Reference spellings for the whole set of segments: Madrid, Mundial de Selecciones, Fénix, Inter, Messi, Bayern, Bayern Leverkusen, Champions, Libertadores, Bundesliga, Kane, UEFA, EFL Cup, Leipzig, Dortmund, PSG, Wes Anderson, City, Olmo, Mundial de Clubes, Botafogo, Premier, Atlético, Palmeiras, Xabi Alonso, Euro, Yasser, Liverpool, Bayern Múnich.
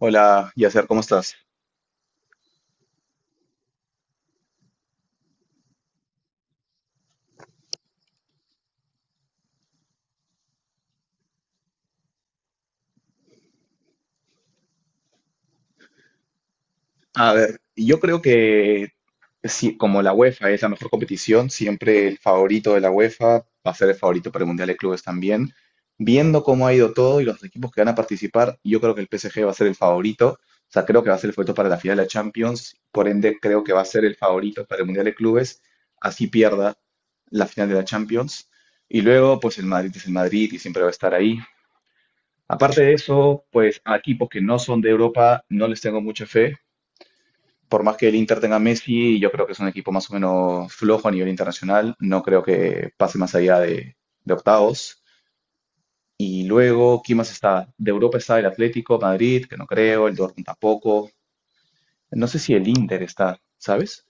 Hola, Yasser, ¿cómo estás? A ver, yo creo que sí, como la UEFA es la mejor competición, siempre el favorito de la UEFA va a ser el favorito para el Mundial de Clubes también. Viendo cómo ha ido todo y los equipos que van a participar, yo creo que el PSG va a ser el favorito. O sea, creo que va a ser el favorito para la final de la Champions. Por ende, creo que va a ser el favorito para el Mundial de Clubes. Así pierda la final de la Champions. Y luego, pues el Madrid es el Madrid y siempre va a estar ahí. Aparte de eso, pues a equipos que no son de Europa no les tengo mucha fe. Por más que el Inter tenga Messi, yo creo que es un equipo más o menos flojo a nivel internacional. No creo que pase más allá de octavos. Y luego, ¿quién más está? De Europa está el Atlético, Madrid, que no creo, el Dortmund tampoco. No sé si el Inter está, ¿sabes?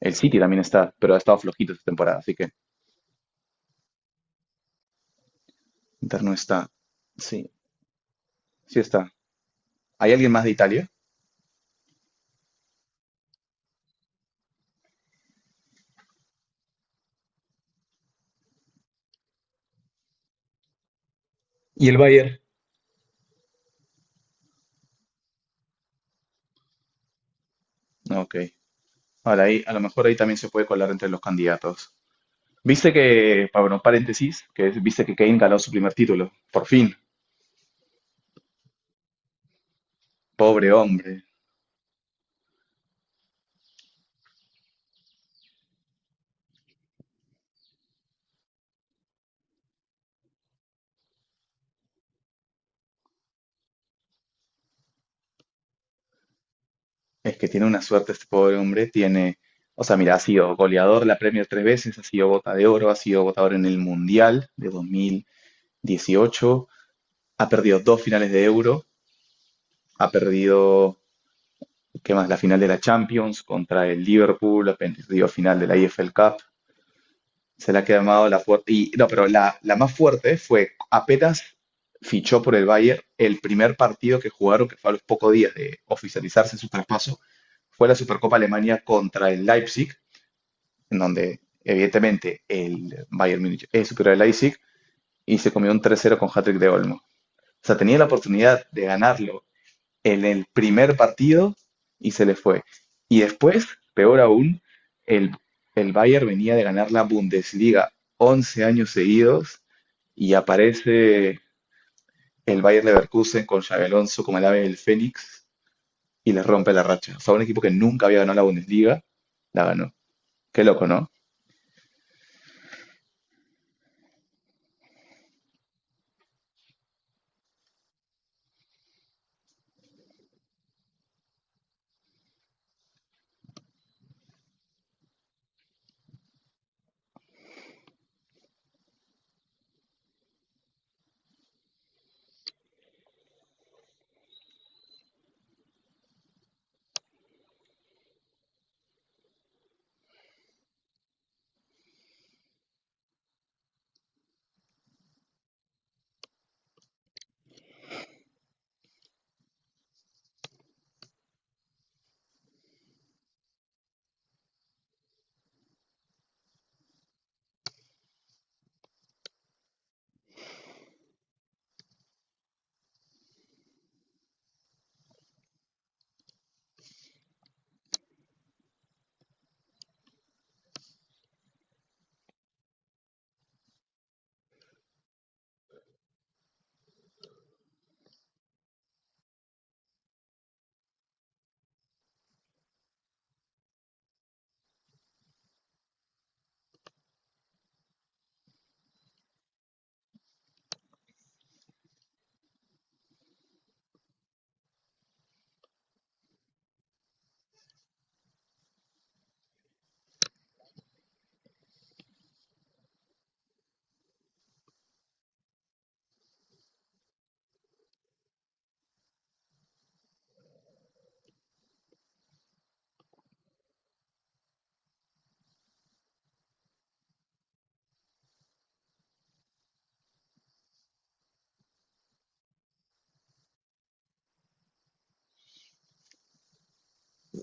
El City también está, pero ha estado flojito esta temporada, así que Inter no está. Sí, sí está. ¿Hay alguien más de Italia? Y el Bayern, ok. Ahora ahí, a lo mejor ahí también se puede colar entre los candidatos. Viste que, bueno, paréntesis, viste que Kane ganó su primer título. Por fin, pobre hombre. Es que tiene una suerte este pobre hombre. Tiene, o sea, mira, ha sido goleador de la Premier tres veces, ha sido bota de oro, ha sido votador en el Mundial de 2018, ha perdido dos finales de Euro, ha perdido, ¿qué más? La final de la Champions contra el Liverpool, ha perdido final de la EFL Cup. Se la ha quemado la fuerte. Y no, pero la más fuerte fue apenas fichó por el Bayern el primer partido que jugaron, que fue a los pocos días de oficializarse su traspaso, fue la Supercopa Alemania contra el Leipzig, en donde evidentemente el Bayern Múnich es superior al Leipzig y se comió un 3-0 con hat-trick de Olmo. O sea, tenía la oportunidad de ganarlo en el primer partido y se le fue. Y después, peor aún, el, el Bayern venía de ganar la Bundesliga 11 años seguidos y aparece el Bayern Leverkusen con Xabi Alonso como el ave del Fénix y le rompe la racha. O sea, un equipo que nunca había ganado la Bundesliga, la ganó. Qué loco, ¿no?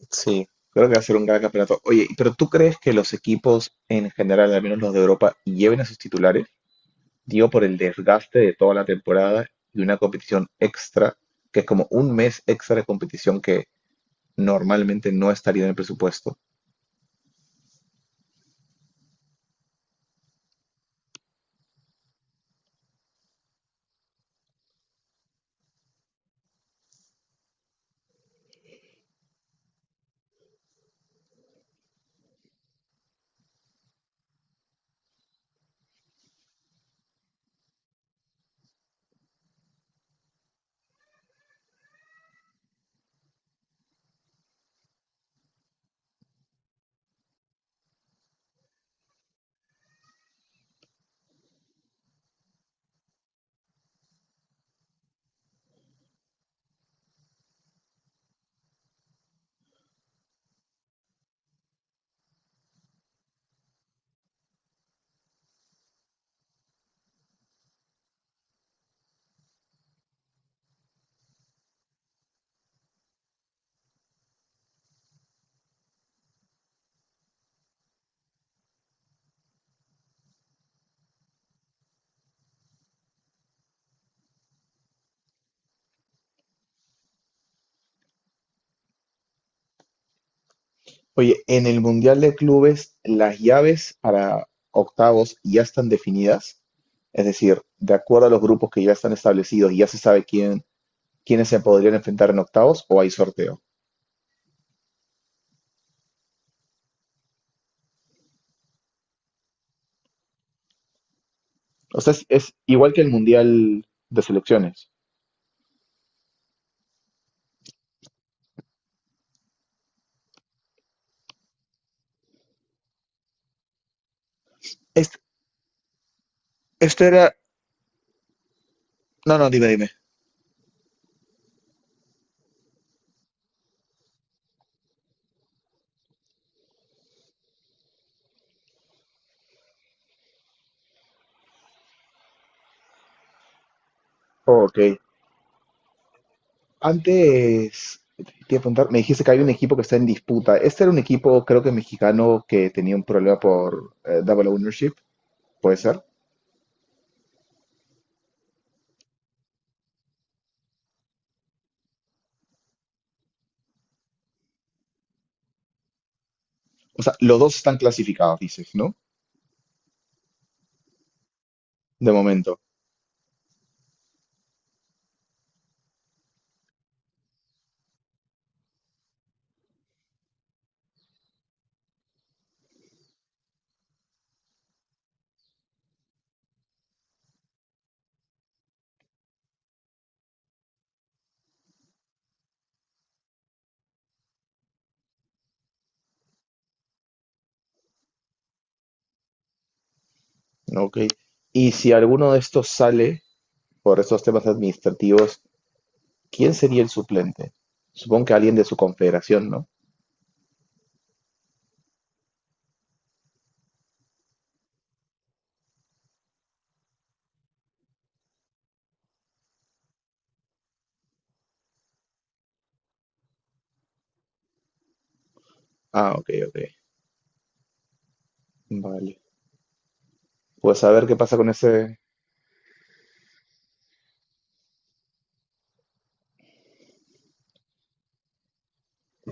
Sí, creo que va a ser un gran campeonato. Oye, pero ¿tú crees que los equipos en general, al menos los de Europa, lleven a sus titulares? Dio por el desgaste de toda la temporada y una competición extra, que es como un mes extra de competición que normalmente no estaría en el presupuesto. Oye, en el Mundial de Clubes, las llaves para octavos ya están definidas, es decir, de acuerdo a los grupos que ya están establecidos, ya se sabe quién, quiénes se podrían enfrentar en octavos o hay sorteo. O sea, es igual que el Mundial de Selecciones. Este- esto era... No, no, dime, dime. Ok, antes, te iba a preguntar, me dijiste que hay un equipo que está en disputa. Este era un equipo, creo que mexicano, que tenía un problema por double ownership, ¿puede ser? O sea, los dos están clasificados, dices, ¿no? De momento, ¿no? Ok. Y si alguno de estos sale por estos temas administrativos, ¿quién sería el suplente? Supongo que alguien de su confederación, ¿no? Ah, ok, ok. Vale. Pues a ver qué pasa con ese,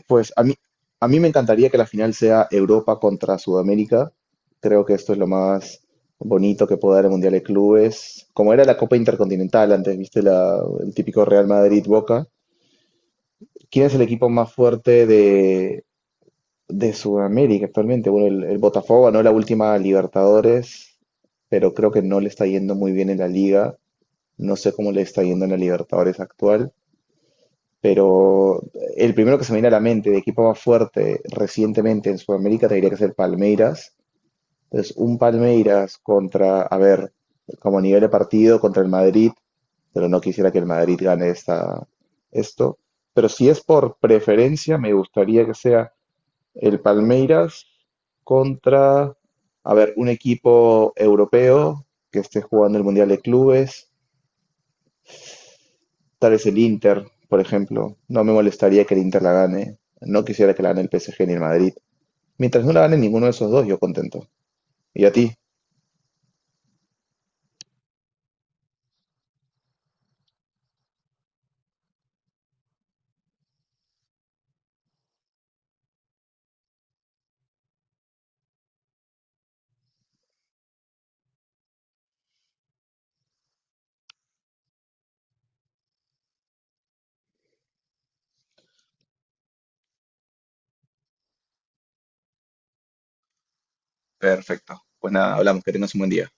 pues a mí me encantaría que la final sea Europa contra Sudamérica. Creo que esto es lo más bonito que puede dar el Mundial de Clubes. Como era la Copa Intercontinental antes, viste la, el típico Real Madrid-Boca. ¿Quién es el equipo más fuerte de Sudamérica actualmente? Bueno, el Botafogo ganó la última Libertadores, pero creo que no le está yendo muy bien en la liga. No sé cómo le está yendo en la Libertadores actual, pero el primero que se me viene a la mente de equipo más fuerte recientemente en Sudamérica tendría que ser Palmeiras. Entonces, un Palmeiras contra, a ver, como nivel de partido contra el Madrid, pero no quisiera que el Madrid gane esto. Pero si es por preferencia, me gustaría que sea el Palmeiras contra, a ver, un equipo europeo que esté jugando el Mundial de Clubes. Tal vez el Inter, por ejemplo. No me molestaría que el Inter la gane. No quisiera que la gane el PSG ni el Madrid. Mientras no la gane ninguno de esos dos, yo contento. ¿Y a ti? Perfecto. Pues nada, hablamos, que tengas un buen día.